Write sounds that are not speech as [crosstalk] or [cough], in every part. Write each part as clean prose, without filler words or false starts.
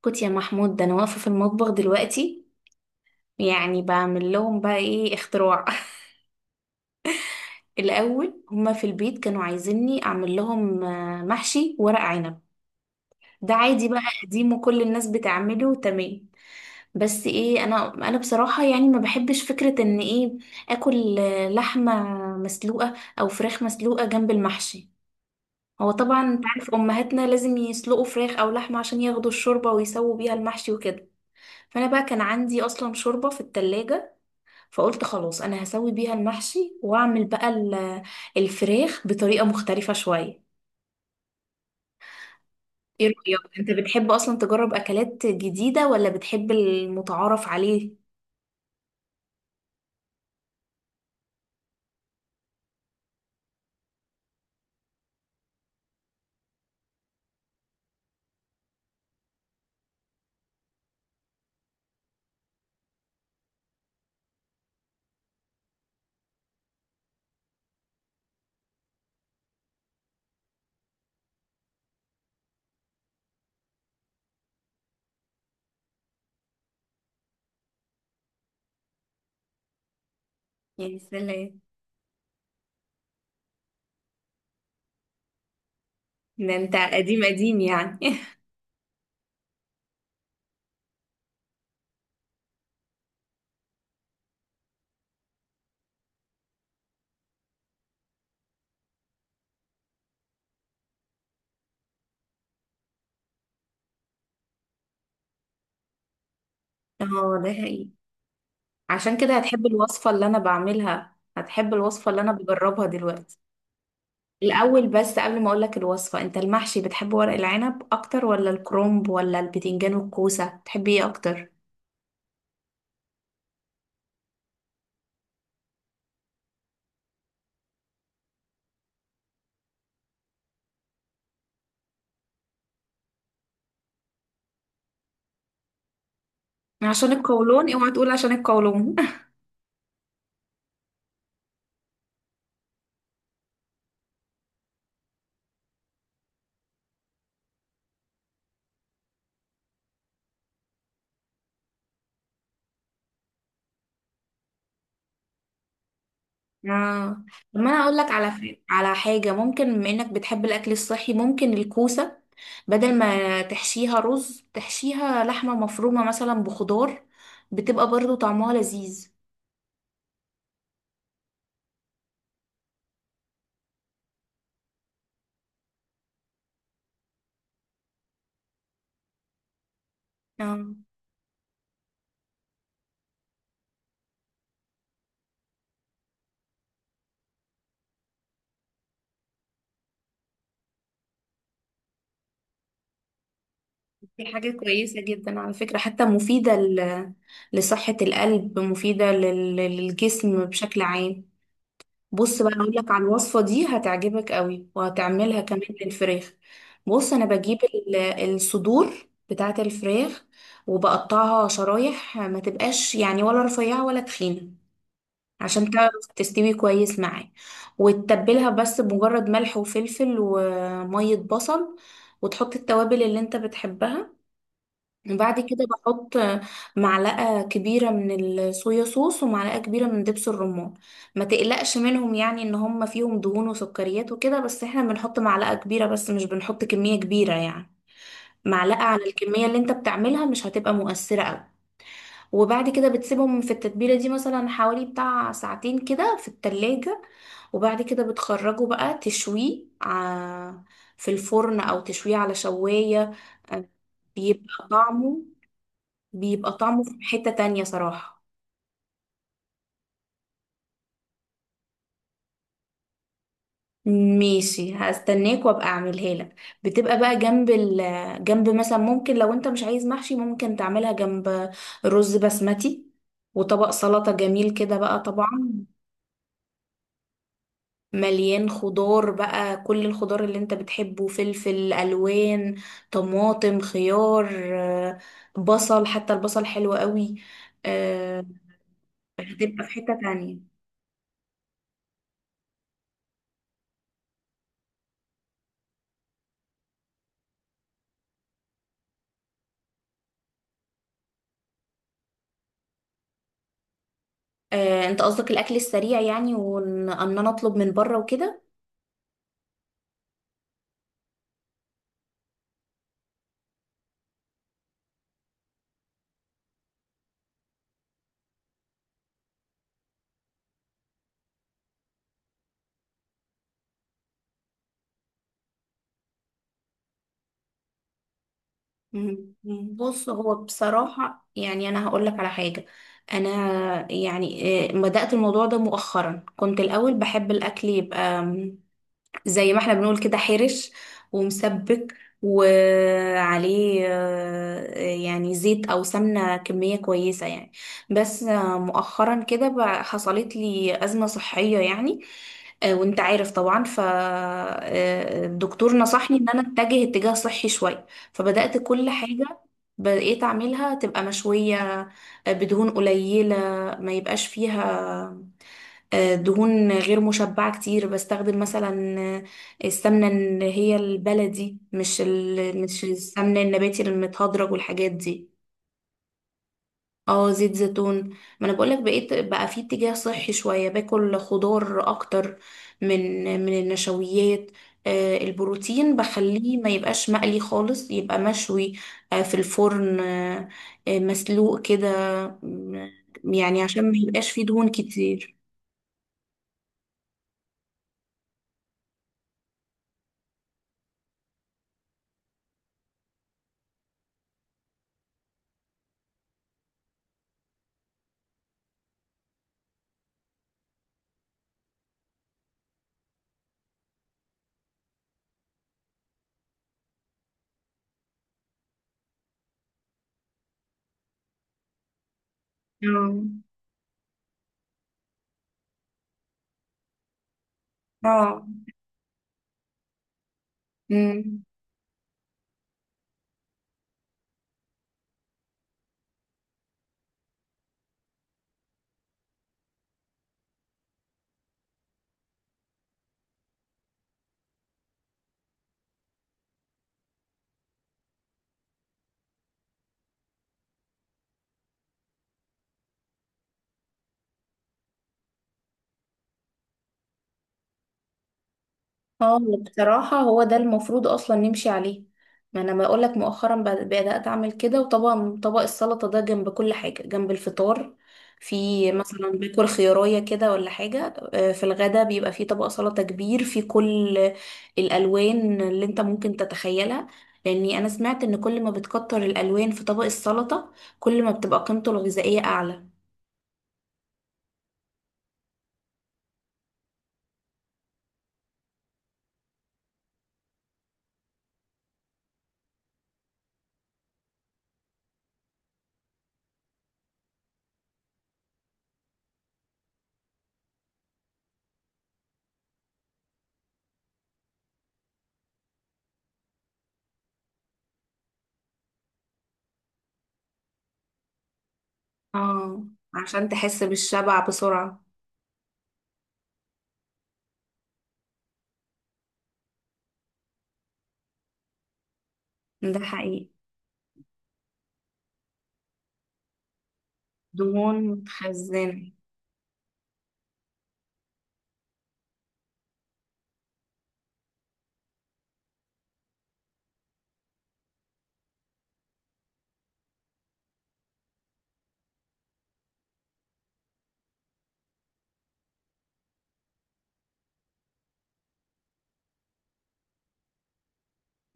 كنت يا محمود، ده انا واقفه في المطبخ دلوقتي يعني بعمل لهم بقى ايه اختراع. [laughs] الاول هما في البيت كانوا عايزيني اعمل لهم محشي ورق عنب. ده عادي بقى قديم وكل الناس بتعمله، تمام. بس ايه، انا بصراحه يعني ما بحبش فكره ان ايه اكل لحمه مسلوقه او فراخ مسلوقه جنب المحشي. هو طبعا انت عارف امهاتنا لازم يسلقوا فراخ او لحمه عشان ياخدوا الشوربه ويسووا بيها المحشي وكده. فانا بقى كان عندي اصلا شوربه في التلاجة. فقلت خلاص انا هسوي بيها المحشي واعمل بقى الفراخ بطريقة مختلفة شوية. ايه رأيك، انت بتحب اصلا تجرب اكلات جديدة ولا بتحب المتعارف عليه؟ يعني سلام. ده انت قديم قديم يعني. [laughs] اه، ده حقيقي. عشان كده هتحب الوصفة اللي انا بعملها، هتحب الوصفة اللي انا بجربها دلوقتي. الاول بس قبل ما اقولك الوصفة، انت المحشي بتحب ورق العنب اكتر ولا الكرنب ولا البتنجان والكوسة؟ بتحب ايه اكتر؟ عشان القولون، اوعى تقول عشان القولون. اه، طب ما انا اقول لك على على حاجه ممكن، بما انك بتحب الاكل الصحي، ممكن الكوسه بدل ما تحشيها رز تحشيها لحمه مفرومه مثلا بخضار. بتبقى برضو طعمها لذيذ. اه، دي حاجه كويسه جدا على فكره، حتى مفيده لصحه القلب، مفيده للجسم بشكل عام. بص بقى اقول لك على الوصفه، دي هتعجبك قوي وهتعملها كمان للفراخ. بص، انا بجيب الصدور بتاعه الفراخ وبقطعها شرايح، ما تبقاش يعني ولا رفيعه ولا تخينه، عشان تعرف تستوي كويس معايا. وتتبلها بس بمجرد ملح وفلفل وميه بصل، وتحط التوابل اللي انت بتحبها. بعد كده بحط معلقة كبيرة من الصويا صوص ومعلقة كبيرة من دبس الرمان. ما تقلقش منهم يعني ان هم فيهم دهون وسكريات وكده، بس احنا بنحط معلقة كبيرة بس، مش بنحط كمية كبيرة يعني. معلقة على الكمية اللي انت بتعملها مش هتبقى مؤثرة قوي. وبعد كده بتسيبهم في التتبيلة دي مثلا حوالي بتاع ساعتين كده في التلاجة. وبعد كده بتخرجه بقى تشويه في الفرن او تشويه على شواية. آه، بيبقى طعمه بيبقى طعمه في حتة تانية صراحة. ماشي، هستناك وابقى اعملها لك. بتبقى بقى جنب، مثلا ممكن لو انت مش عايز محشي ممكن تعملها جنب رز بسمتي وطبق سلطة جميل كده بقى طبعا، مليان خضار بقى، كل الخضار اللي انت بتحبه، فلفل الوان، طماطم، خيار، آه، بصل، حتى البصل حلو قوي. آه، هتبقى في حتة تانية. انت قصدك الاكل السريع يعني، وان انا اطلب من بره وكده؟ مم. مم. بص، هو بصراحة يعني أنا هقولك على حاجة. أنا يعني بدأت الموضوع ده مؤخرا، كنت الأول بحب الأكل يبقى زي ما احنا بنقول كده، حرش ومسبك، وعليه يعني زيت او سمنة كمية كويسة يعني. بس مؤخرا كده حصلت لي أزمة صحية يعني. وانت عارف طبعا فالدكتور نصحني ان انا اتجه اتجاه صحي شوية. فبدأت كل حاجة بقيت اعملها تبقى مشوية، بدهون قليلة ما يبقاش فيها دهون غير مشبعة كتير، بستخدم مثلا السمنة اللي هي البلدي، مش السمنة النباتي المتهدرج والحاجات دي. اه، زيت زيتون. ما انا بقولك بقيت بقى في اتجاه صحي شوية، باكل خضار اكتر من النشويات. البروتين بخليه ما يبقاش مقلي خالص، يبقى مشوي في الفرن، مسلوق كده. يعني عشان ما يبقاش فيه دهون كتير. اه. اه. امم اه، بصراحة هو ده المفروض اصلا نمشي عليه. ما انا بقول لك مؤخرا بدأت اعمل كده. وطبعا طبق السلطة ده جنب كل حاجة جنب الفطار، في مثلا باكل خيارية كده ولا حاجة. في الغدا بيبقى في طبق سلطة كبير في كل الالوان اللي انت ممكن تتخيلها. لاني انا سمعت ان كل ما بتكتر الالوان في طبق السلطة، كل ما بتبقى قيمته الغذائية اعلى. اه، عشان تحس بالشبع بسرعة. ده حقيقي. دهون متخزنة.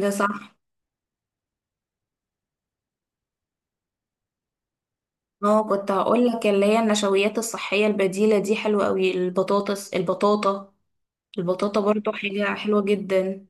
ده صح. اه، كنت هقول لك، اللي هي النشويات الصحية البديلة دي حلوة قوي. البطاطس، البطاطا، البطاطا برضو حاجة حلوة جدا.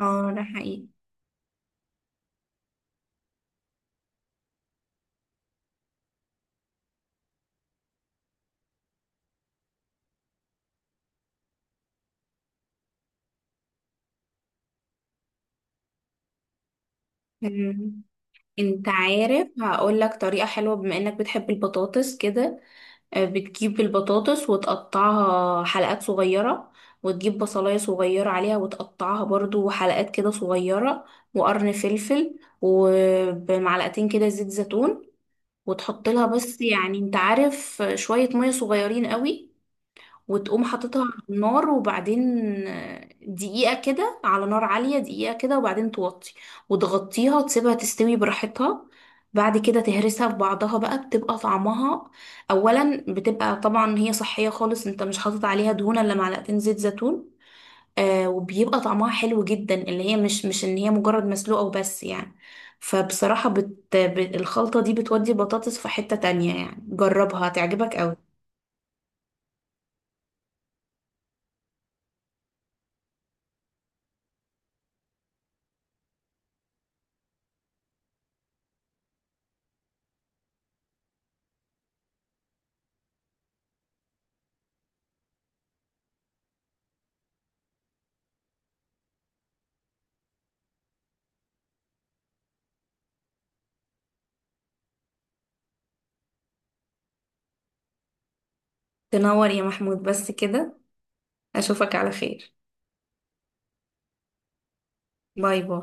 اه، ده حقيقي. مم. انت عارف، هقول لك طريقة حلوة بما انك بتحب البطاطس كده. بتجيب البطاطس وتقطعها حلقات صغيرة، وتجيب بصلاية صغيرة عليها وتقطعها برضو حلقات كده صغيرة، وقرن فلفل ومعلقتين كده زيت زيتون. وتحط لها بس يعني انت عارف شوية مية صغيرين قوي. وتقوم حاططها على النار، وبعدين دقيقة كده على نار عالية، دقيقة كده وبعدين توطي وتغطيها وتسيبها تستوي براحتها. بعد كده تهرسها في بعضها بقى، بتبقى طعمها. أولا بتبقى طبعا هي صحية خالص، انت مش حاطط عليها دهون إلا معلقتين زيت زيتون. وبيبقى طعمها حلو جدا، اللي هي مش ان هي مجرد مسلوقة وبس يعني. فبصراحة الخلطة دي بتودي البطاطس في حتة تانية يعني، جربها هتعجبك قوي. تنور يا محمود بس كده. اشوفك على خير. باي باي.